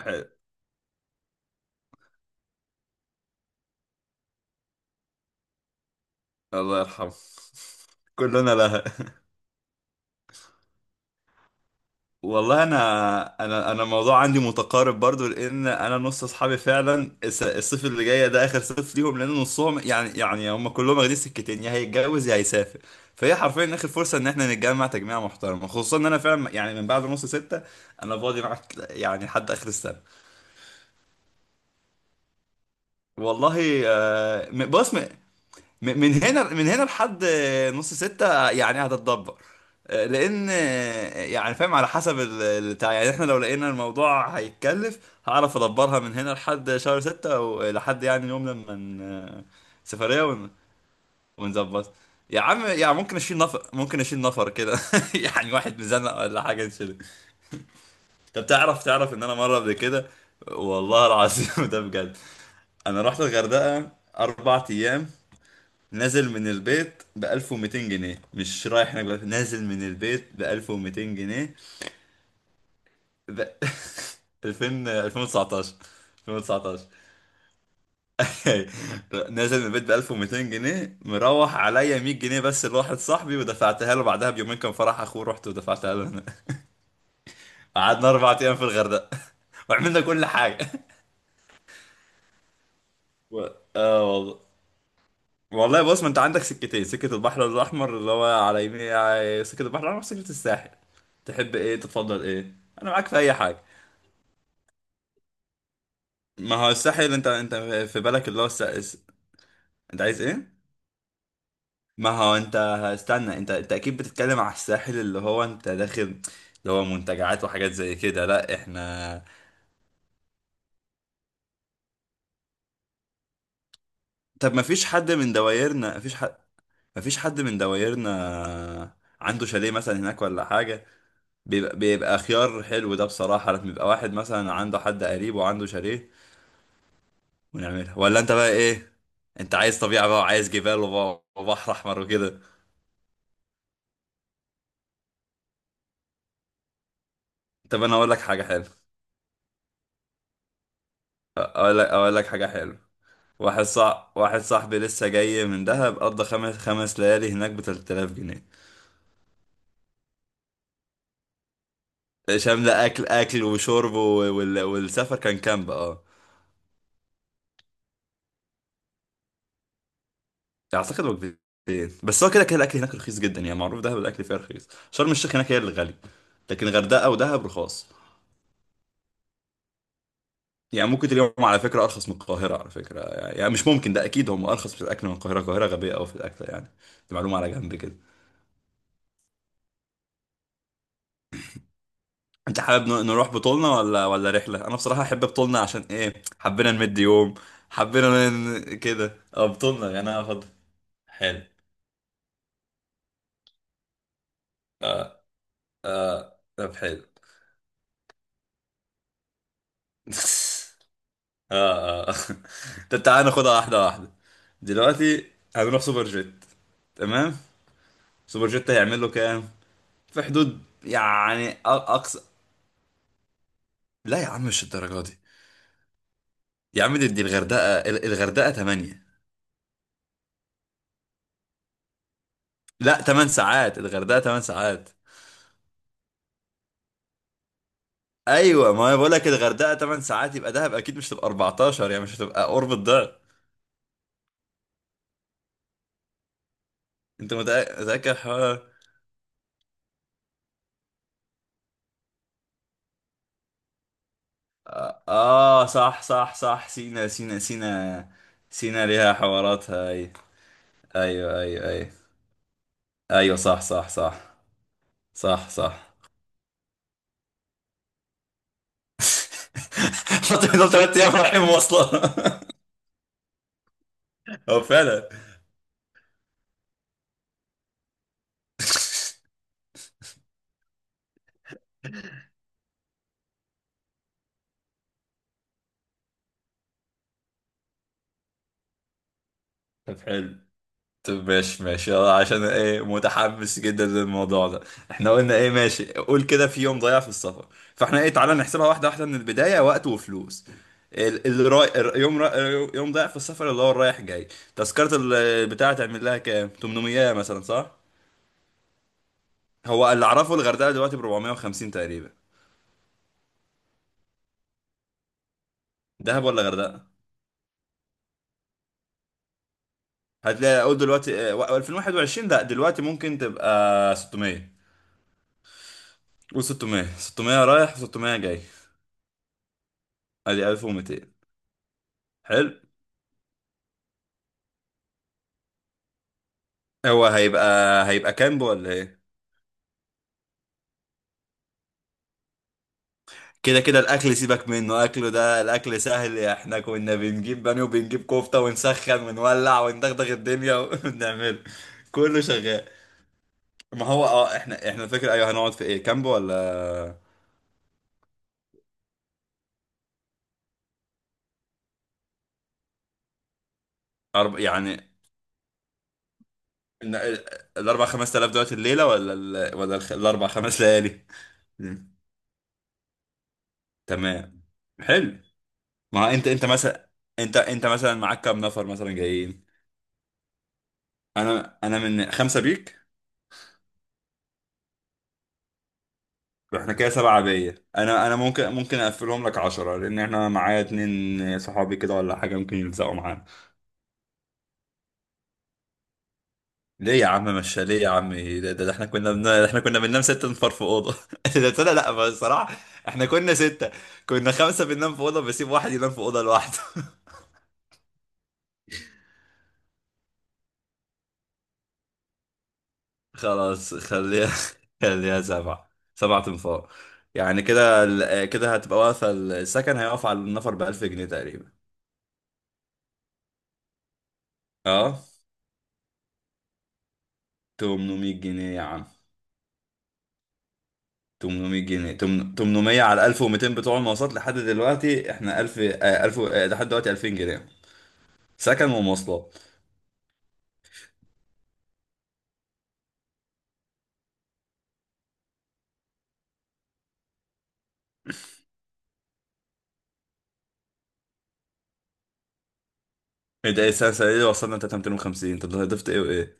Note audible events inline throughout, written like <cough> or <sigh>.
حلو. الله يرحمه. <laughs> كلنا لها. والله انا الموضوع عندي متقارب برضو، لان انا نص اصحابي فعلا الصيف اللي جاي ده اخر صيف ليهم، لان نصهم يعني هم كلهم واخدين سكتين، يا هيتجوز يا هيسافر. فهي حرفيا اخر فرصه ان احنا نتجمع تجميعه محترمه، خصوصا ان انا فعلا يعني من بعد نص ستة انا فاضي معاك يعني لحد اخر السنه. والله آه، بص. من هنا لحد نص ستة يعني هتتدبر. آه، لان آه، يعني فاهم على حسب البتاع. يعني احنا لو لقينا الموضوع هيتكلف هعرف ادبرها من هنا لحد شهر ستة ولحد يعني يوم لما سفرية ونظبط. يا عم يعني ممكن اشيل نفر، ممكن اشيل نفر كده <laughs> يعني، واحد مزنق ولا حاجة نشيله. طب تعرف ان انا مرة قبل كده، والله العظيم <laughs> ده بجد. انا رحت الغردقة 4 ايام، نازل من البيت ب 1200 جنيه. مش رايح هناك بقى، نازل من البيت ب 1200 جنيه. ب <laughs> 2000 2019. 2019. <laughs> نازل من البيت ب 1200 جنيه، مروح عليا 100 جنيه بس لواحد صاحبي ودفعتها له، بعدها بيومين كان فرح اخوه، رحت ودفعتها له هنا. قعدنا 4 ايام في الغردقه <laughs> وعملنا كل حاجه. <laughs> و... اه والله. والله بص، ما انت عندك سكتين: سكة البحر الأحمر اللي هو على يمين سكة البحر الأحمر، سكة الساحل. تحب ايه؟ تتفضل ايه؟ انا معاك في اي حاجة. ما هو الساحل انت في بالك انت عايز ايه؟ ما هو انت استنى، انت اكيد بتتكلم على الساحل اللي هو انت داخل، اللي هو منتجعات وحاجات زي كده. لا، احنا. طب ما فيش حد من دوايرنا؟ ما فيش حد؟ ما فيش حد من دوايرنا عنده شاليه مثلا هناك ولا حاجة؟ بيبقى, خيار حلو ده بصراحة، لما يبقى واحد مثلا عنده حد قريب وعنده شاليه ونعملها. ولا انت بقى ايه؟ انت عايز طبيعة بقى وعايز جبال وبحر احمر وكده؟ طب انا اقول لك حاجة حلوة. اقول لك حاجة حلوة. واحد صاحبي لسه جاي من دهب قضى خمس ليالي هناك ب 3000 جنيه. شاملة اكل وشرب والسفر، كان كامب، اه. اعتقد وجبتين، بس هو كده كده الاكل هناك رخيص جدا. يعني معروف دهب الاكل فيها رخيص، شرم الشيخ هناك هي اللي غالي، لكن غردقة ودهب رخاص. يعني ممكن اليوم على فكرة أرخص من القاهرة، على فكرة. يعني مش ممكن، ده أكيد هم أرخص في الأكل من القاهرة، القاهرة غبية أوي في الأكل يعني. دي معلومة على جنب كده. أنت حابب نروح بطولنا ولا رحلة؟ أنا بصراحة أحب بطولنا، عشان إيه، حبينا نمد يوم. كده أه بطولنا يعني، أنا أفضل. حلو. أه أه طب حلو. <laughs> أه أه <laughs> طب تعالى ناخدها واحدة واحدة. دلوقتي هنروح سوبر جيت، تمام؟ سوبر جيت هيعمل له كام؟ في حدود يعني أقصى. لا يا عم مش الدرجة دي. يا عم دي الغردقة الغردقة 8. لا، 8 ساعات الغردقة، 8 ساعات. ايوه ما انا بقول لك الغردقة 8 ساعات، يبقى دهب اكيد مش هتبقى 14 يعني، مش هتبقى قرب الضعف. انت متأكد حوار؟ اه آه، صح صح صح. سينا سينا سينا. سينا ليها حواراتها اي. ايوه ايوه ايوه. ايوه صح صح صح. صح صح. <laughs> حط 3 ايام رايحين مواصلة. <laughs> هو فعلا. طب حلو. طب ماشي ماشي يلا، عشان ايه متحمس جدا للموضوع ده. احنا قلنا ايه؟ ماشي، قول كده في يوم ضايع في السفر. فاحنا ايه، تعالى نحسبها واحدة واحدة من البداية، وقت وفلوس. ال- الراي... الر- يوم را... يوم ضايع في السفر اللي هو الرايح جاي. تذكرة بتاعة تعمل لها كام، 800 مثلا، صح؟ هو اللي اعرفه الغردقة دلوقتي ب 450 تقريبا. دهب ولا غردقة؟ هتلاقي، اقول دلوقتي اه، 2021، لا دلوقتي ممكن تبقى 600. قول 600. 600 رايح 600 جاي، ادي 1200. حلو. هو هيبقى هيبقى كامب ولا ايه؟ كده كده الاكل سيبك منه، اكله، ده الاكل سهل، احنا كنا بنجيب بانيه وبنجيب كفته ونسخن ونولع وندغدغ الدنيا <laughs> ونعمله. كله شغال. ما هو اه احنا فاكر ايوه هنقعد في ايه، كامب ولا يعني، ن- الاربع خمس تلاف دلوقتي الليله ولا الاربع خمس ليالي؟ مم. تمام. حلو. ما انت مثلا، انت مثلا معاك كام نفر مثلا جايين؟ انا من خمسه بيك. احنا كده سبعة عادية، انا ممكن، ممكن اقفلهم لك 10، لان احنا معايا اتنين صحابي كده ولا حاجة ممكن يلزقوا معانا. ليه يا عم؟ مش ليه يا عم؟ ده احنا ده احنا كنا بننام 6 نفار في اوضة. <laughs> ده لا لا، بس الصراحة احنا كنا ستة، كنا خمسة بننام في اوضة بسيب واحد ينام في اوضة لوحده. <laughs> خلاص خليها، خليها سبعة، 7 انفار. يعني كده كده هتبقى واقفة. السكن هيقف على النفر ب 1000 جنيه تقريبا. اه. 800 جنيه يا عم. 800 جنيه، 800 على 1200 بتوع المواصلات، لحد دلوقتي احنا 1000 آه، 1000 آه، لحد دلوقتي 2000 جنيه سكن ومواصلات. انت ايه السنه؟ السنة دي وصلنا 3250، طب ضفت ايه وايه؟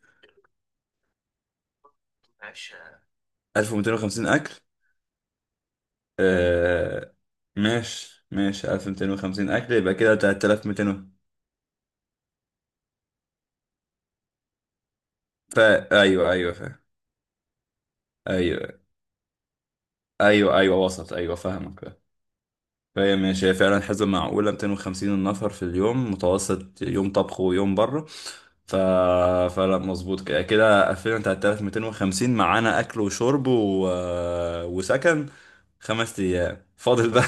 1250 اكل، اه. ماشي ماشي، 1250 اكل يبقى كده 3200. فا ايوه ايوه فاهم. ايوه ايوه ايوه وصلت، ايوه فاهمك. فهي ماشي، هي فعلا حسبة معقولة. 250 نفر في اليوم، متوسط يوم طبخ ويوم بره. ف... فلا مظبوط. كده قفلنا على 3250 معانا أكل وشرب وسكن. خمس أيام فاضل بقى.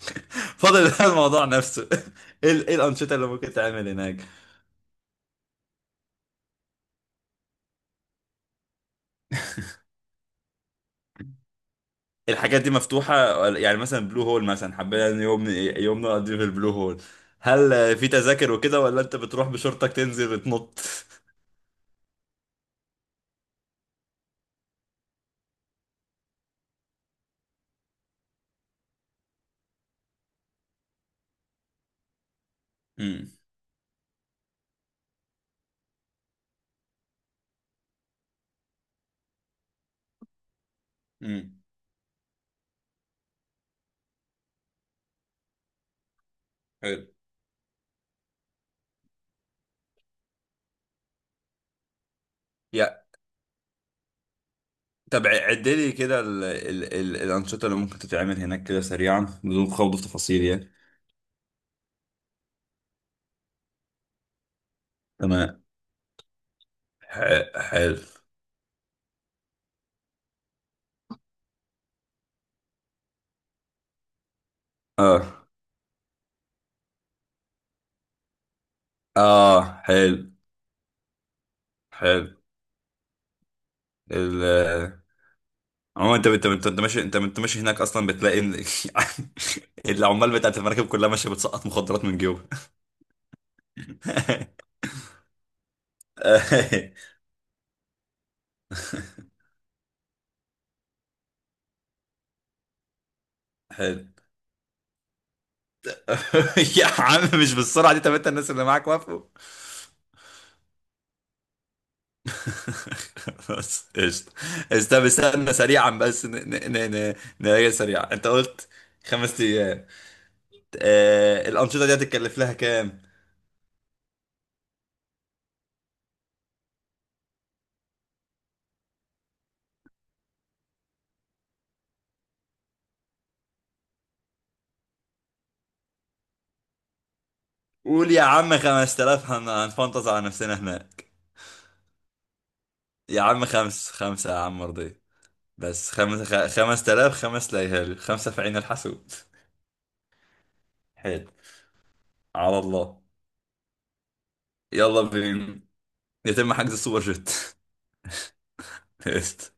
<laughs> فاضل بقى الموضوع نفسه. <laughs> ايه إيه الأنشطة اللي ممكن تعمل هناك؟ الحاجات دي مفتوحة يعني، مثلا بلو هول مثلا حبينا إن يوم، يوم نقضيه في البلو هول. هل في تذاكر وكده، ولا انت بتروح بشورتك تنزل تنط؟ <laughs> امم، حلو. يا طب عد لي كده الأنشطة اللي ممكن تتعمل هناك كده سريعا بدون خوض في تفاصيل يعني. تمام. حلو. اه اه. حلو. حلو. ال. عموما انت ماشي هناك، اصلا بتلاقي ان <laughs> العمال بتاعت المراكب كلها ماشيه بتسقط مخدرات من جيوبها. <laughs> حلو. <laughs> يا عم مش بالسرعه دي، طب انت الناس اللي معاك وافقوا؟ <laughs> بس قشطة. قشطة، بس استنى سريعا، بس نراجع سريعا، انت قلت خمس ايام آه الانشطة دي هتتكلف لها كام؟ قول يا عم 5000 هنفنطز على نفسنا هناك. يا عم خمسة يا عم مرضي. بس 5000 خمس ليالي، خمسة في عين الحسود. حلو. على الله. يلا بينا، يتم حجز السوبر جيت. <laughs> قشطة.